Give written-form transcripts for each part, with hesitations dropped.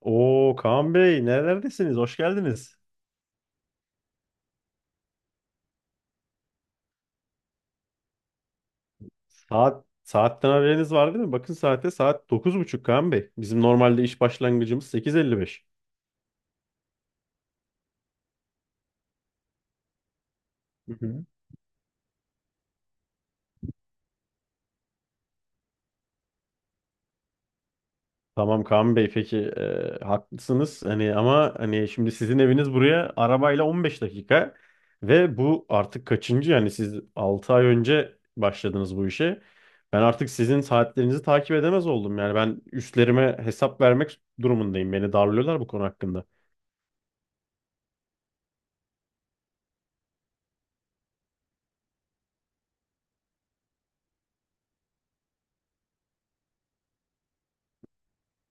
Oo Kaan Bey nerelerdesiniz? Hoş geldiniz. Saat saatten haberiniz var değil mi? Bakın saate saat 9:30 Kaan Bey. Bizim normalde iş başlangıcımız 8:55. Hı hı. Tamam Kaan Bey peki, haklısınız. Hani ama hani şimdi sizin eviniz buraya arabayla 15 dakika ve bu artık kaçıncı? Yani siz 6 ay önce başladınız bu işe. Ben artık sizin saatlerinizi takip edemez oldum. Yani ben üstlerime hesap vermek durumundayım. Beni darlıyorlar bu konu hakkında.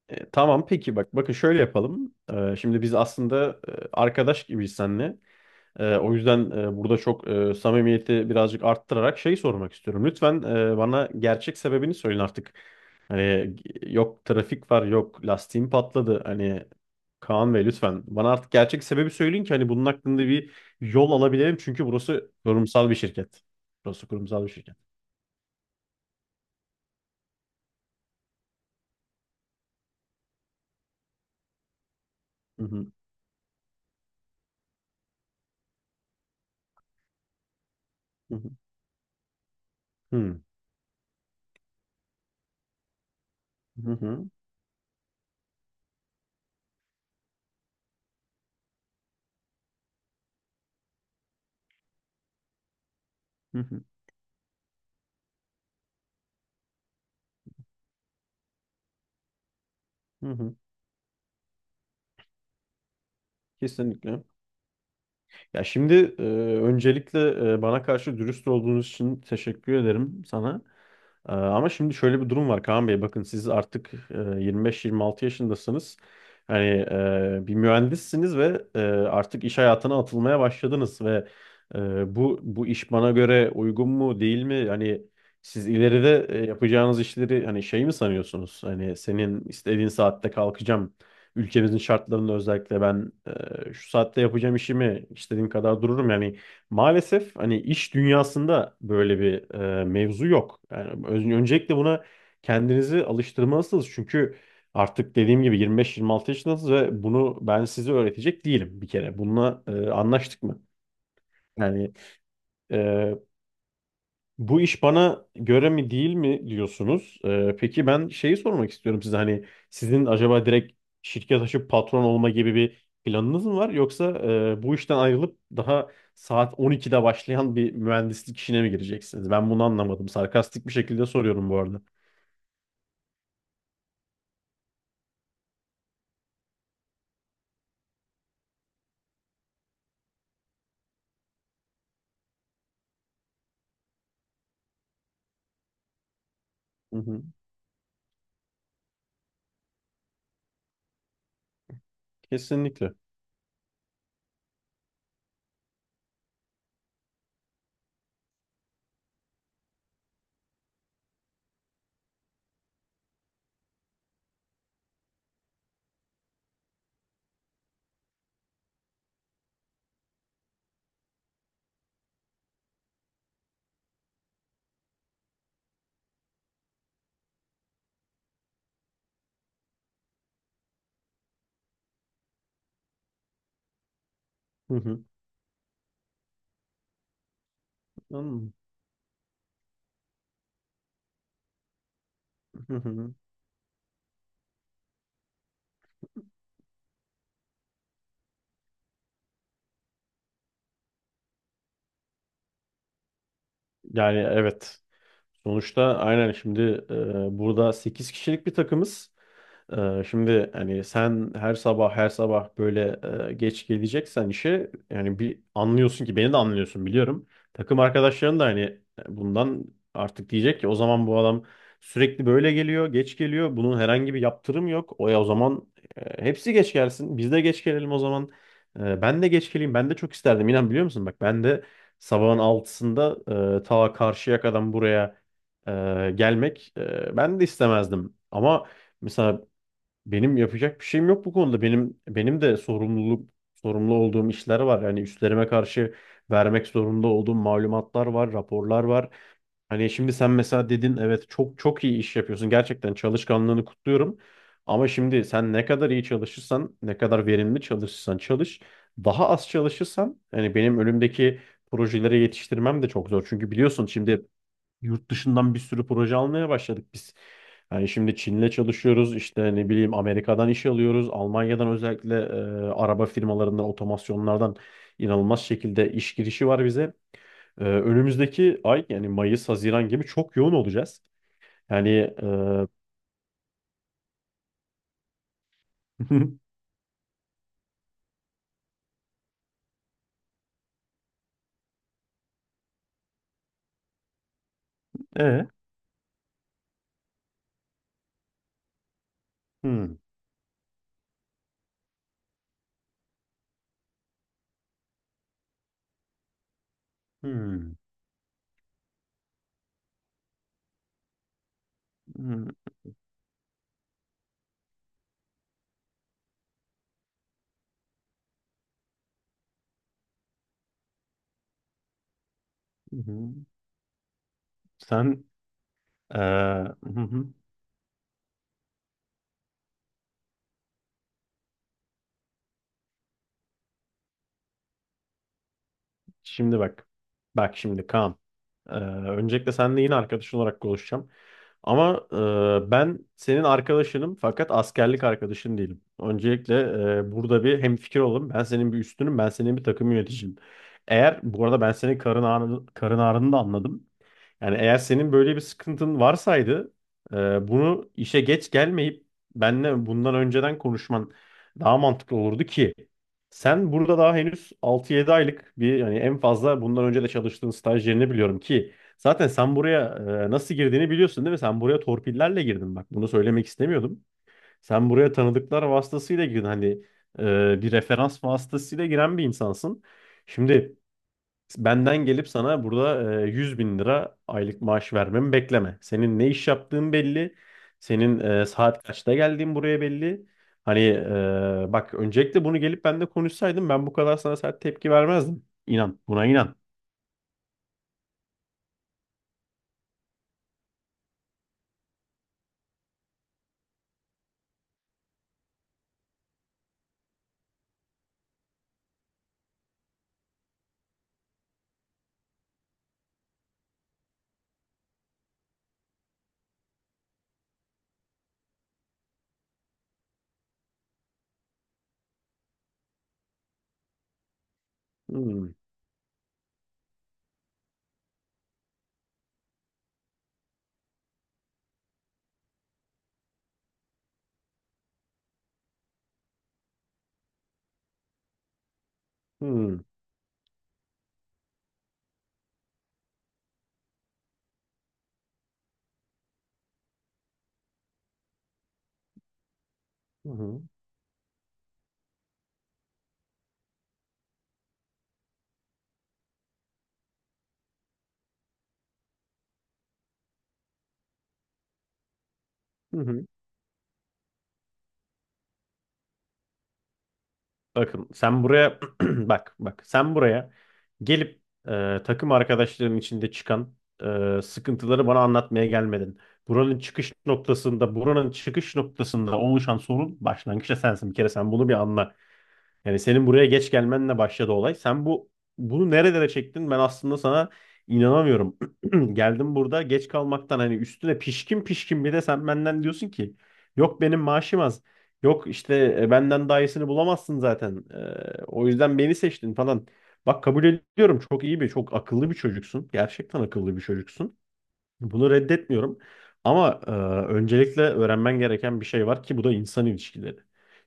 Tamam peki bakın şöyle yapalım. Şimdi biz aslında arkadaş gibiyiz seninle. O yüzden burada çok samimiyeti birazcık arttırarak şey sormak istiyorum. Lütfen bana gerçek sebebini söyleyin artık. Hani yok trafik var, yok lastiğim patladı. Hani Kaan Bey lütfen bana artık gerçek sebebi söyleyin ki hani bunun hakkında bir yol alabilelim. Çünkü burası kurumsal bir şirket. Burası kurumsal bir şirket. Hı hı hı hı hı hı hı hı hı. Hı. Kesinlikle. Ya şimdi, e, öncelikle bana karşı dürüst olduğunuz için teşekkür ederim sana. Ama şimdi şöyle bir durum var Kaan Bey. Bakın siz artık 25-26 yaşındasınız. Hani bir mühendissiniz ve artık iş hayatına atılmaya başladınız ve bu iş bana göre uygun mu değil mi? Hani siz ileride yapacağınız işleri hani şey mi sanıyorsunuz? Hani senin istediğin saatte kalkacağım. Ülkemizin şartlarında özellikle ben şu saatte yapacağım işimi istediğim kadar dururum. Yani maalesef hani iş dünyasında böyle bir mevzu yok. Yani öncelikle buna kendinizi alıştırmalısınız. Çünkü artık dediğim gibi 25-26 yaşındasınız ve bunu ben size öğretecek değilim bir kere. Bununla anlaştık mı? Yani bu iş bana göre mi değil mi diyorsunuz? Peki ben şeyi sormak istiyorum size, hani sizin acaba direkt şirket açıp patron olma gibi bir planınız mı var? Yoksa bu işten ayrılıp daha saat 12'de başlayan bir mühendislik işine mi gireceksiniz? Ben bunu anlamadım. Sarkastik bir şekilde soruyorum bu. Hı hı. Kesinlikle. Hı hı. Anladım. Hı hı. Yani evet. Sonuçta aynen şimdi burada 8 kişilik bir takımız. Şimdi hani sen her sabah her sabah böyle geç geleceksen işe, yani bir anlıyorsun ki beni de anlıyorsun biliyorum. Takım arkadaşların da hani bundan artık diyecek ki o zaman bu adam sürekli böyle geliyor, geç geliyor. Bunun herhangi bir yaptırım yok. O ya, o zaman hepsi geç gelsin. Biz de geç gelelim o zaman. Ben de geç geleyim. Ben de çok isterdim. İnan, biliyor musun? Bak ben de sabahın altısında ta karşıya kadar buraya e, gelmek, ben de istemezdim. Ama mesela benim yapacak bir şeyim yok bu konuda. Benim de sorumlu olduğum işler var. Yani üstlerime karşı vermek zorunda olduğum malumatlar var, raporlar var. Hani şimdi sen mesela dedin, evet çok çok iyi iş yapıyorsun. Gerçekten çalışkanlığını kutluyorum. Ama şimdi sen ne kadar iyi çalışırsan, ne kadar verimli çalışırsan çalış, daha az çalışırsan yani benim önümdeki projeleri yetiştirmem de çok zor. Çünkü biliyorsun şimdi yurt dışından bir sürü proje almaya başladık biz. Yani şimdi Çin'le çalışıyoruz, işte ne bileyim Amerika'dan iş alıyoruz, Almanya'dan özellikle araba firmalarından, otomasyonlardan inanılmaz şekilde iş girişi var bize. Önümüzdeki ay yani Mayıs, Haziran gibi çok yoğun olacağız. Yani e, e, hmm, hmm, hmm, hmm. Sen e, şimdi bak. Bak şimdi Kaan. Ee, Öncelikle seninle yine arkadaşın olarak konuşacağım. Ama ben senin arkadaşınım fakat askerlik arkadaşın değilim. Öncelikle burada bir hemfikir olalım. Ben senin bir üstünüm, ben senin bir takım yöneticim. Eğer bu arada ben senin karın ağrını da anladım. Yani eğer senin böyle bir sıkıntın varsaydı bunu işe geç gelmeyip benle bundan önceden konuşman daha mantıklı olurdu ki sen burada daha henüz 6-7 aylık bir, yani en fazla bundan önce de çalıştığın staj yerini biliyorum ki zaten sen buraya nasıl girdiğini biliyorsun değil mi? Sen buraya torpillerle girdin, bak bunu söylemek istemiyordum. Sen buraya tanıdıklar vasıtasıyla girdin, hani bir referans vasıtasıyla giren bir insansın. Şimdi benden gelip sana burada 100 bin lira aylık maaş vermemi bekleme. Senin ne iş yaptığın belli. Senin saat kaçta geldiğin buraya belli. Hani bak öncelikle bunu gelip bende konuşsaydın ben bu kadar sana sert tepki vermezdim. İnan, buna inan. Hmm. Hmm. Hı hı. Hı hı. Bakın sen buraya bak sen buraya gelip takım arkadaşlarının içinde çıkan sıkıntıları bana anlatmaya gelmedin. Buranın çıkış noktasında oluşan sorun başlangıçta sensin. Bir kere sen bunu bir anla. Yani senin buraya geç gelmenle başladı olay. Sen bunu nerelere çektin? Ben aslında sana inanamıyorum. Geldim burada geç kalmaktan, hani üstüne pişkin pişkin bir de sen benden diyorsun ki yok benim maaşım az. Yok işte benden daha iyisini bulamazsın zaten. O yüzden beni seçtin falan. Bak kabul ediyorum, çok iyi bir, çok akıllı bir çocuksun. Gerçekten akıllı bir çocuksun. Bunu reddetmiyorum. Ama öncelikle öğrenmen gereken bir şey var ki bu da insan ilişkileri.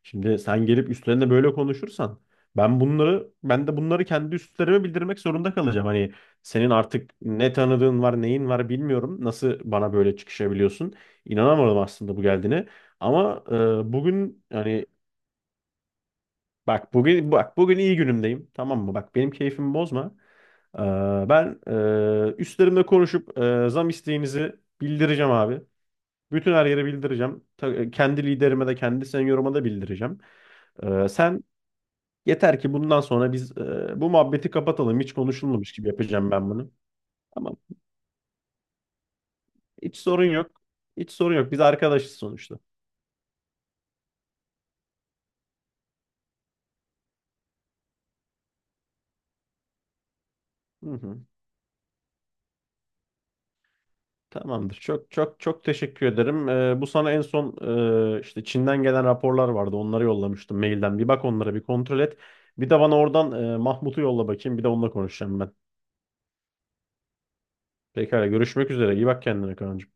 Şimdi sen gelip üstlerine böyle konuşursan ben bunları, ben de bunları kendi üstlerime bildirmek zorunda kalacağım. Hani senin artık ne tanıdığın var, neyin var bilmiyorum. Nasıl bana böyle çıkışabiliyorsun? İnanamadım aslında bu geldiğine. Ama bugün yani bak bugün iyi günümdeyim. Tamam mı? Bak benim keyfimi bozma. E, Ben üstlerimle konuşup zam isteğinizi bildireceğim abi. Bütün her yere bildireceğim. Kendi liderime de kendi senioruma da bildireceğim. Sen yeter ki bundan sonra biz bu muhabbeti kapatalım. Hiç konuşulmamış gibi yapacağım ben bunu. Tamam. Hiç sorun yok. Hiç sorun yok. Biz arkadaşız sonuçta. Hı hı. Tamamdır. Çok çok çok teşekkür ederim. Bu sana en son işte Çin'den gelen raporlar vardı. Onları yollamıştım mailden. Bir bak onlara, bir kontrol et. Bir de bana oradan Mahmut'u yolla bakayım. Bir de onunla konuşacağım ben. Pekala, görüşmek üzere. İyi bak kendine Kaan'cığım.